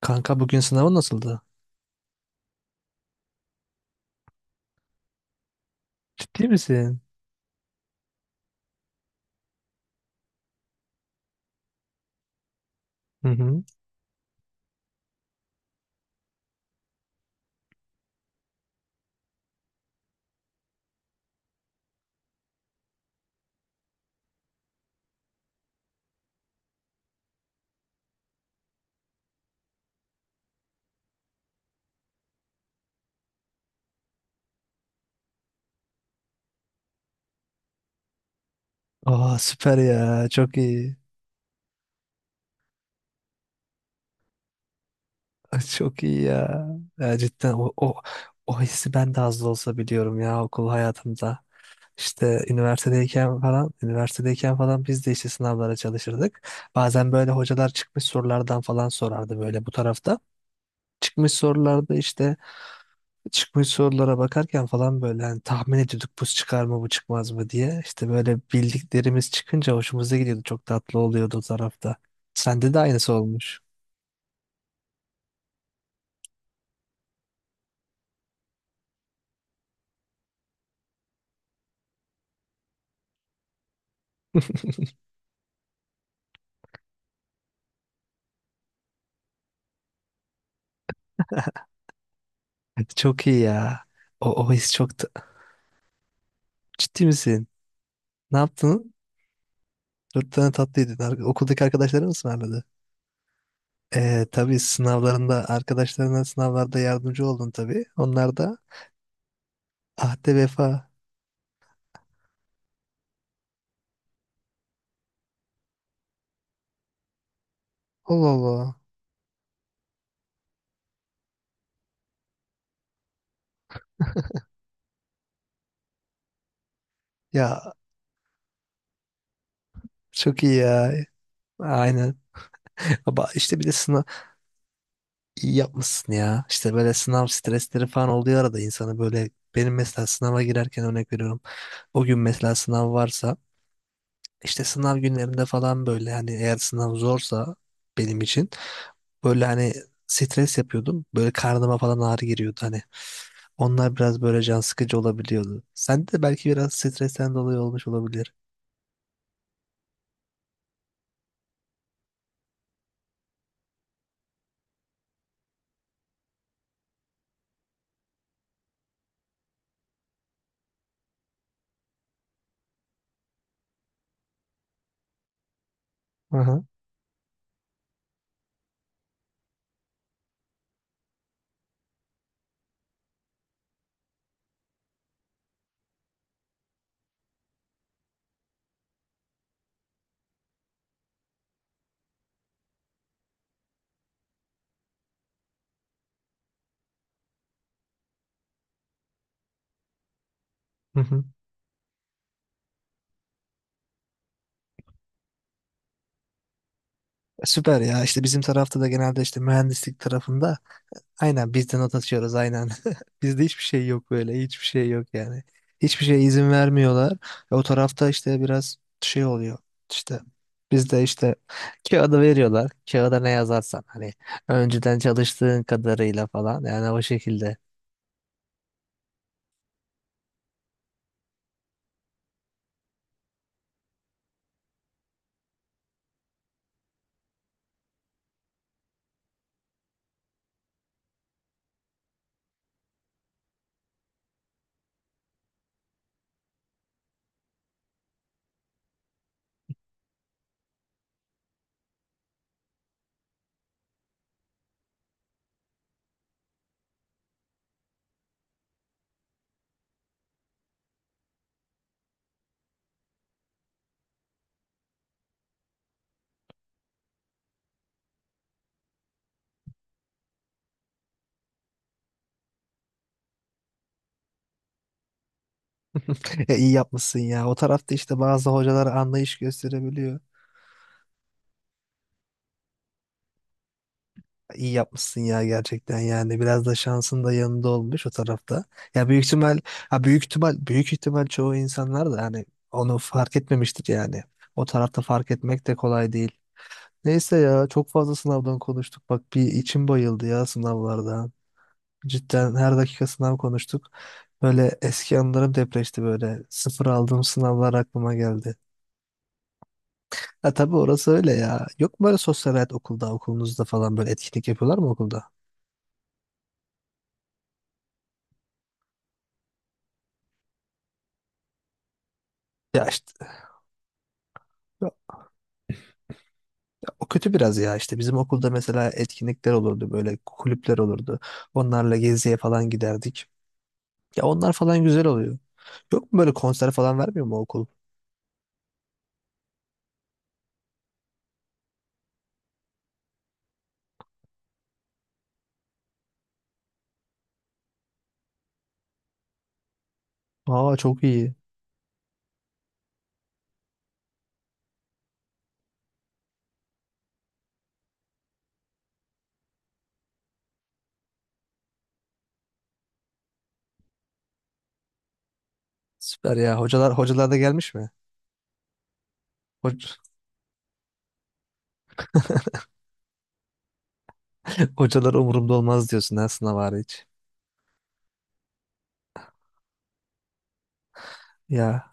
Kanka bugün sınavın nasıldı? Ciddi misin? Hı hı. Aa süper ya. Çok iyi. Ay, çok iyi ya. Ya cidden o hissi ben de az da olsa biliyorum ya okul hayatımda. İşte üniversitedeyken falan biz de işte sınavlara çalışırdık. Bazen böyle hocalar çıkmış sorulardan falan sorardı böyle bu tarafta. Çıkmış sorularda işte Çıkmış sorulara bakarken falan böyle hani tahmin ediyorduk bu çıkar mı bu çıkmaz mı diye. İşte böyle bildiklerimiz çıkınca hoşumuza gidiyordu. Çok tatlı oluyordu o tarafta. Sende de aynısı olmuş. Çok iyi ya. O his çok. Ciddi misin? Ne yaptın? Dört tane tatlıydı. Okuldaki arkadaşların mı ısmarladı? Tabii sınavlarında arkadaşlarına sınavlarda yardımcı oldun tabii. Onlar da ahde vefa. Allah Allah. Ya çok iyi ya. Aynen. Ama işte bir de sınav. İyi yapmışsın ya. İşte böyle sınav stresleri falan oluyor arada insanı böyle benim mesela sınava girerken örnek veriyorum. O gün mesela sınav varsa işte sınav günlerinde falan böyle hani eğer sınav zorsa benim için böyle hani stres yapıyordum. Böyle karnıma falan ağrı giriyordu hani. Onlar biraz böyle can sıkıcı olabiliyordu. Sen de belki biraz stresten dolayı olmuş olabilir. Aha hı. Hı hı. Süper ya işte bizim tarafta da genelde işte mühendislik tarafında. Aynen biz de not atıyoruz aynen. Bizde hiçbir şey yok böyle. Hiçbir şey yok yani. Hiçbir şeye izin vermiyorlar. O tarafta işte biraz şey oluyor. İşte bizde işte kağıdı veriyorlar. Kağıda ne yazarsan hani önceden çalıştığın kadarıyla falan yani o şekilde. İyi yapmışsın ya. O tarafta işte bazı hocalar anlayış gösterebiliyor. İyi yapmışsın ya gerçekten yani biraz da şansın da yanında olmuş o tarafta. Ya büyük ihtimal ha büyük ihtimal büyük ihtimal çoğu insanlar da hani onu fark etmemiştir yani. O tarafta fark etmek de kolay değil. Neyse ya çok fazla sınavdan konuştuk. Bak bir içim bayıldı ya sınavlardan. Cidden her dakika sınav konuştuk. Böyle eski anılarım depreşti böyle. Sıfır aldığım sınavlar aklıma geldi. Ha tabii orası öyle ya. Yok mu böyle sosyal hayat okulunuzda falan böyle etkinlik yapıyorlar mı okulda? Ya işte o kötü biraz ya işte bizim okulda mesela etkinlikler olurdu böyle kulüpler olurdu. Onlarla geziye falan giderdik. Ya onlar falan güzel oluyor. Yok mu böyle konser falan vermiyor mu okul? Aa çok iyi. Süper ya. Hocalar da gelmiş mi? Hoc hocalar umurumda olmaz diyorsun ha sınav hariç. Ya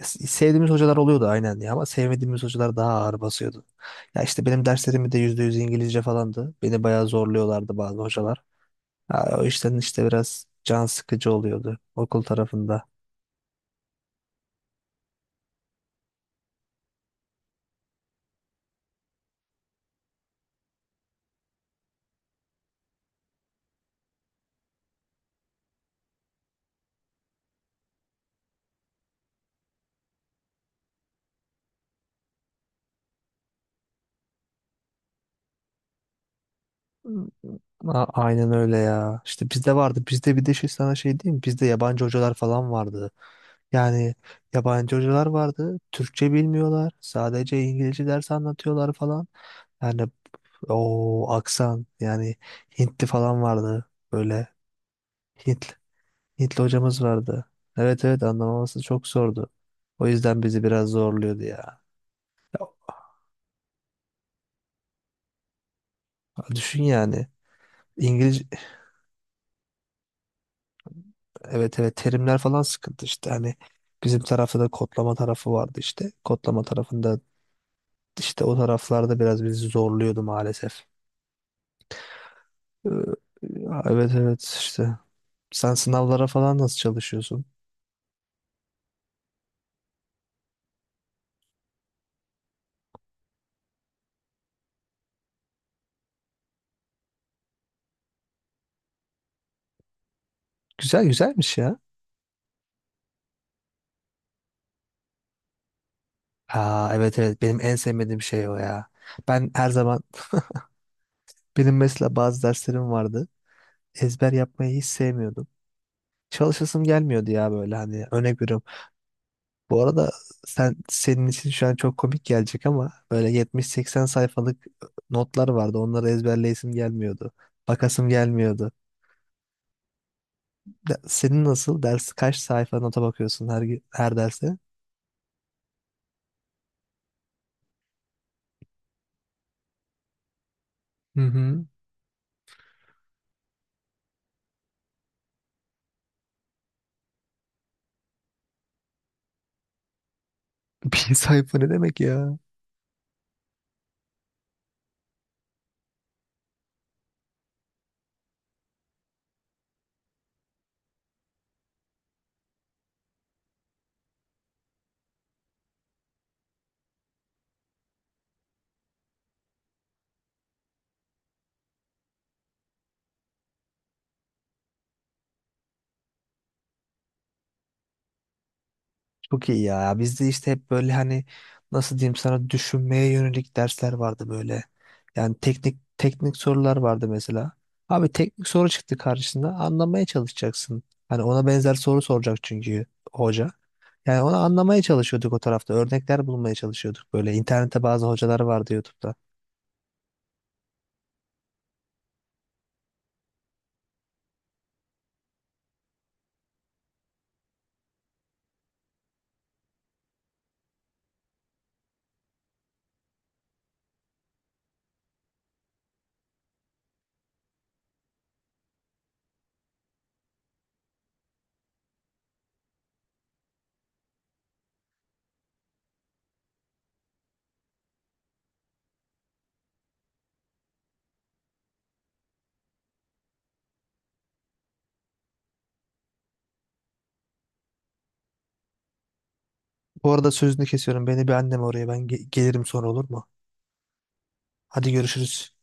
sevdiğimiz hocalar oluyordu aynen ya ama sevmediğimiz hocalar daha ağır basıyordu. Ya işte benim derslerim de %100 İngilizce falandı. Beni bayağı zorluyorlardı bazı hocalar. Ha, o işten işte biraz can sıkıcı oluyordu okul tarafında. Aynen öyle ya. İşte bizde vardı. Bizde bir de şey sana şey diyeyim mi? Bizde yabancı hocalar falan vardı. Yani yabancı hocalar vardı. Türkçe bilmiyorlar. Sadece İngilizce ders anlatıyorlar falan. Yani o aksan yani Hintli falan vardı. Böyle Hintli, Hintli hocamız vardı. Evet evet anlamaması çok zordu. O yüzden bizi biraz zorluyordu ya. Ya düşün yani. İngiliz Evet evet terimler falan sıkıntı işte. Hani bizim tarafta da kodlama tarafı vardı işte. Kodlama tarafında işte o taraflarda biraz bizi zorluyordu maalesef. Ee, evet evet işte. Sen sınavlara falan nasıl çalışıyorsun? Güzel güzelmiş ya. Ha evet evet benim en sevmediğim şey o ya. Ben her zaman. Benim mesela bazı derslerim vardı. Ezber yapmayı hiç sevmiyordum. Çalışasım gelmiyordu ya böyle hani örnek veriyorum. Bu arada senin için şu an çok komik gelecek ama böyle 70-80 sayfalık notlar vardı. Onları ezberleyesim gelmiyordu. Bakasım gelmiyordu. Senin nasıl? Ders kaç sayfa nota bakıyorsun her derse? Hı hı. Bir sayfa ne demek ya? Çok iyi ya. Bizde işte hep böyle hani nasıl diyeyim sana düşünmeye yönelik dersler vardı böyle. Yani teknik teknik sorular vardı mesela. Abi teknik soru çıktı karşısında anlamaya çalışacaksın. Hani ona benzer soru soracak çünkü hoca. Yani onu anlamaya çalışıyorduk o tarafta. Örnekler bulmaya çalışıyorduk böyle. İnternette bazı hocalar vardı YouTube'da. Bu arada sözünü kesiyorum. Beni bir annem oraya. Ben gelirim sonra olur mu? Hadi görüşürüz.